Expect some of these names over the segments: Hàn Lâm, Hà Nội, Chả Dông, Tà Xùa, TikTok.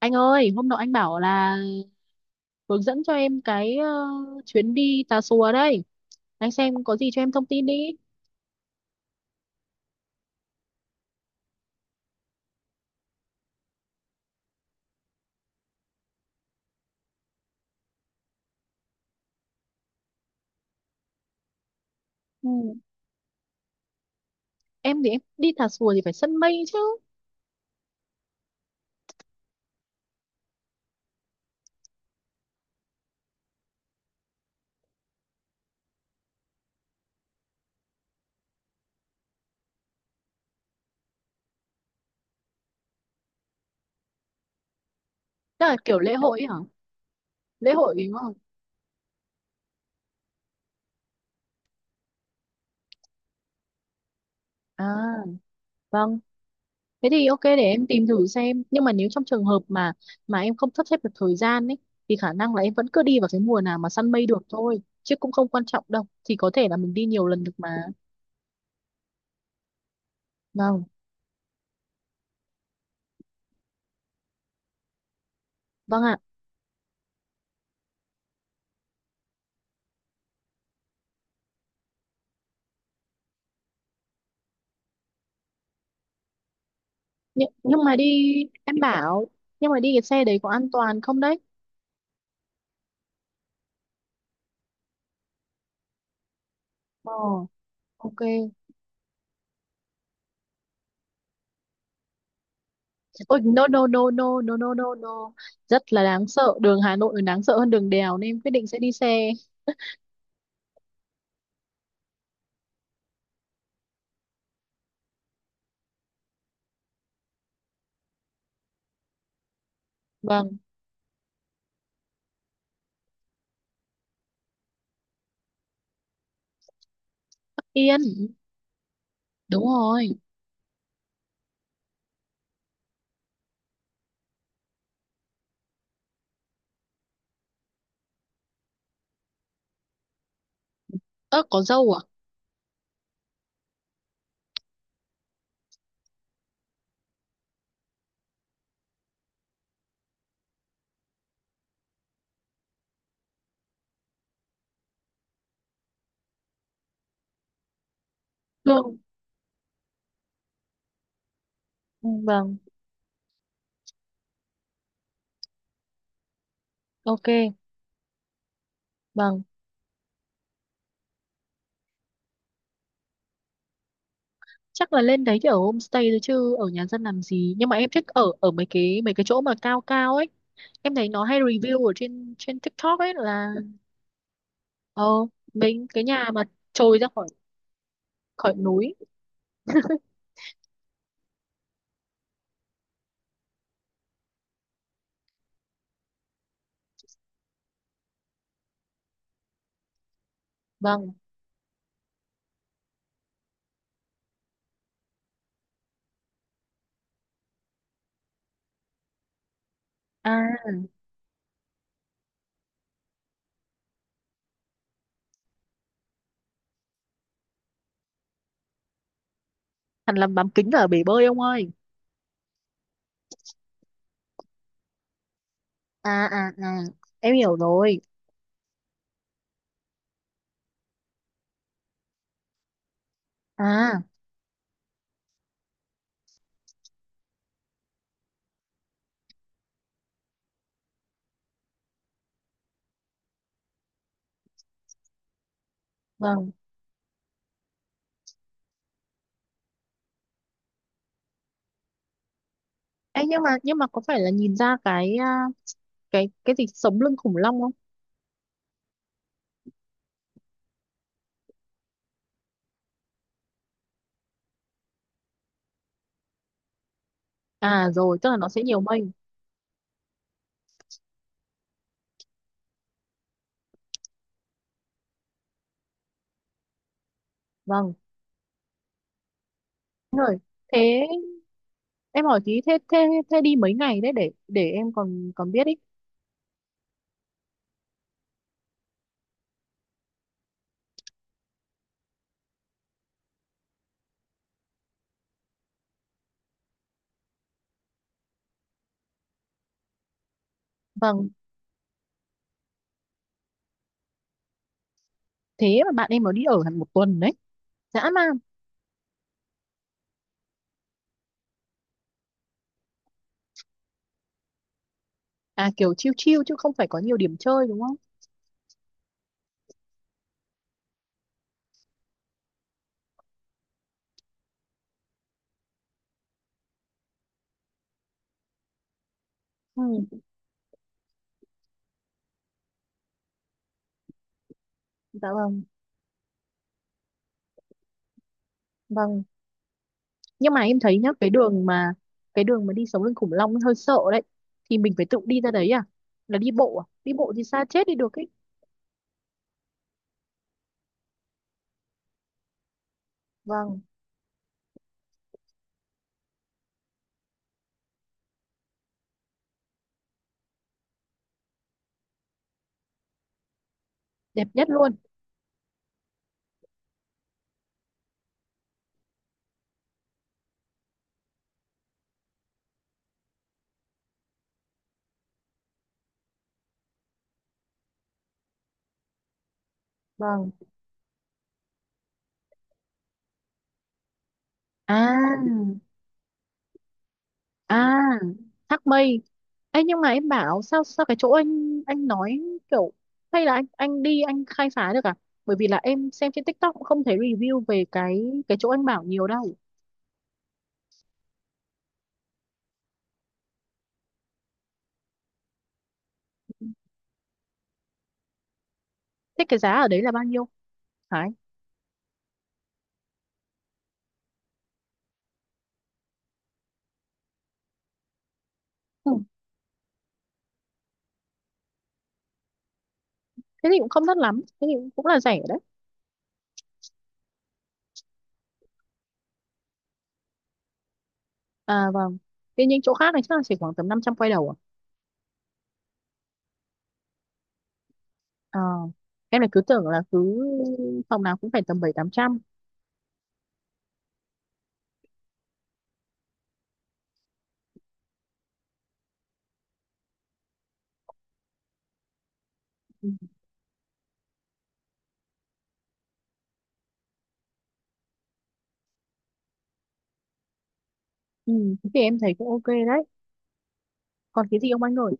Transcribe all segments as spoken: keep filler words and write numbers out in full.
Anh ơi, hôm nọ anh bảo là hướng dẫn cho em cái ờ, chuyến đi Tà Xùa đây. Anh xem có gì cho em thông tin đi. Ừ. Em thì em đi Tà Xùa thì phải săn mây chứ. Đó là kiểu lễ hội ấy hả? Lễ hội đúng không? À, vâng. Thế thì ok để em tìm thử xem. Nhưng mà nếu trong trường hợp mà mà em không sắp xếp được thời gian ấy thì khả năng là em vẫn cứ đi vào cái mùa nào mà săn mây được thôi. Chứ cũng không quan trọng đâu. Thì có thể là mình đi nhiều lần được mà. Vâng. Vâng ạ. nhưng, nhưng mà đi, em bảo nhưng mà đi cái xe đấy có an toàn không đấy? Ờ, ok. Ôi, no no no no no no no no, rất là đáng sợ, đường Hà Nội còn đáng sợ hơn đường đèo nên em quyết định sẽ đi xe. Vâng. Yên. Đúng rồi. Ơ có dâu à? Vâng. Ừ, vâng. Ok. Vâng. Chắc là lên đấy thì ở homestay thôi chứ ở nhà dân làm gì, nhưng mà em thích ở ở mấy cái mấy cái chỗ mà cao cao ấy. Em thấy nó hay review ở trên trên TikTok ấy là, ờ, mấy cái nhà mà trồi ra khỏi khỏi núi. Vâng. À, Hàn Lâm bám kính ở bể bơi ông ơi. À à à, em hiểu rồi. À, vâng. Ê, nhưng mà nhưng mà có phải là nhìn ra cái, à, cái cái gì sống lưng khủng long không? À rồi, tức là nó sẽ nhiều mây. Vâng. Rồi. Thế em hỏi tí, thế thế thế đi mấy ngày đấy để để em còn còn biết ý. Vâng. Thế mà bạn em nó đi ở hẳn một tuần đấy. Dã man. À kiểu chill chill chứ không phải có nhiều điểm chơi đúng không? Ừ, dạ vâng. Vâng. Nhưng mà em thấy nhá, cái đường mà cái đường mà đi sống lưng khủng long ấy hơi sợ đấy, thì mình phải tự đi ra đấy à? Là đi bộ à? Đi bộ thì xa chết đi được ấy. Vâng. Đẹp nhất luôn. Vâng. À, à, thác mây. Ấy nhưng mà em bảo sao sao cái chỗ anh anh nói kiểu, hay là anh anh đi anh khai phá được à? Bởi vì là em xem trên TikTok cũng không thấy review về cái cái chỗ anh bảo nhiều đâu. Thế cái giá ở đấy là bao nhiêu, Hải? Ừ. Thế thì cũng không đắt lắm, thế thì cũng là rẻ đấy. À vâng. Thế những chỗ khác này chắc là chỉ khoảng tầm năm trăm quay đầu à? Ờ. Em lại cứ tưởng là cứ phòng nào cũng phải tầm bảy tám trăm. Ừ. Ừ, thế thì em thấy cũng ok đấy. Còn cái gì ông anh ơi?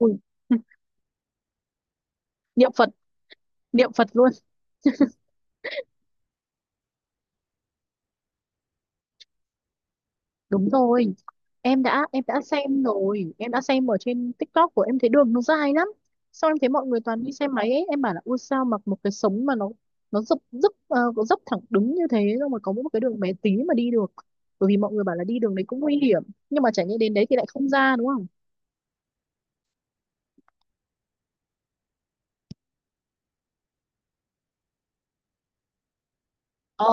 Ui, niệm Phật, niệm Phật luôn. Đúng rồi. em đã em đã xem rồi, em đã xem ở trên TikTok của em, thấy đường nó dài lắm. Sau em thấy mọi người toàn đi xe máy ấy, em bảo là ui sao mặc một cái sống mà nó nó dốc dốc ờ, có dốc thẳng đứng như thế, xong rồi có mỗi một cái đường bé tí mà đi được. Bởi vì mọi người bảo là đi đường đấy cũng nguy hiểm, nhưng mà chả nhẽ đến đấy thì lại không ra đúng không. Ờ.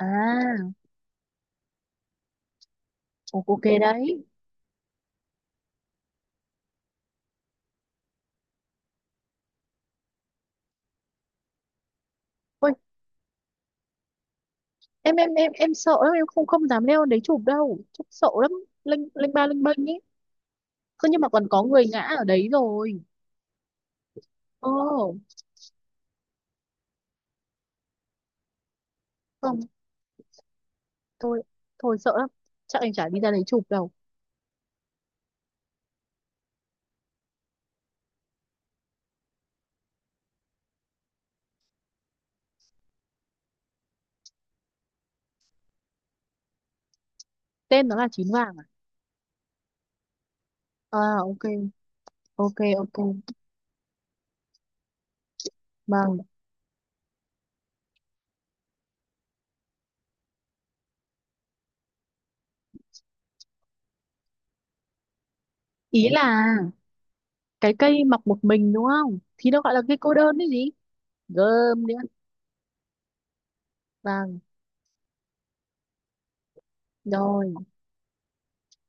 À. Ồ, ok đấy. Ôi, em em em em sợ lắm, em không không dám leo lên đấy chụp đâu, chụp sợ lắm. Lênh lênh ba lênh bênh ấy. Thế nhưng mà còn có người ngã ở đấy rồi. Ồ, không, thôi thôi sợ lắm, chắc anh chả đi ra đấy chụp đâu. Tên nó là chín vàng à? À, ok ok ok. Vâng. Ý là cái cây mọc một mình đúng không thì nó gọi là cây cô đơn đấy gì. Gơm nữa. Vàng. Rồi.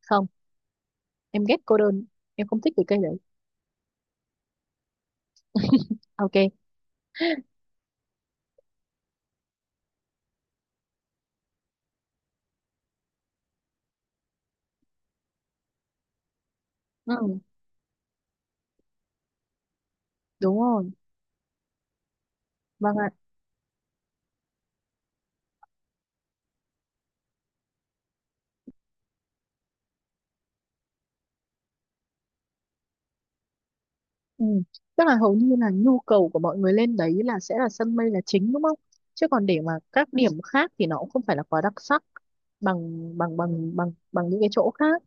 Không, em ghét cô đơn, em không thích cái cây đấy. Ok. Ừ, đúng rồi. Vâng ạ. Ừ. Tức là hầu như là nhu cầu của mọi người lên đấy là sẽ là sân mây là chính đúng không, chứ còn để mà các điểm khác thì nó cũng không phải là quá đặc sắc bằng bằng bằng bằng bằng những cái chỗ khác.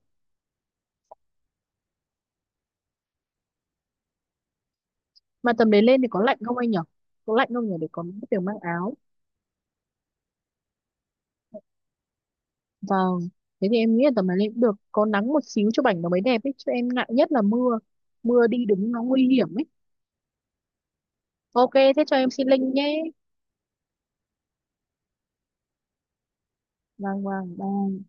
Mà tầm đấy lên thì có lạnh không anh nhỉ? Có lạnh không nhỉ để có kiểu mang áo. Vâng. Thế thì em nghĩ là tầm này lên cũng được. Có nắng một xíu cho bảnh nó mới đẹp ấy. Chứ em ngại nhất là mưa. Mưa đi đứng nó nguy hiểm ấy. Ok, thế cho em xin link nhé. Vâng, vâng, bye.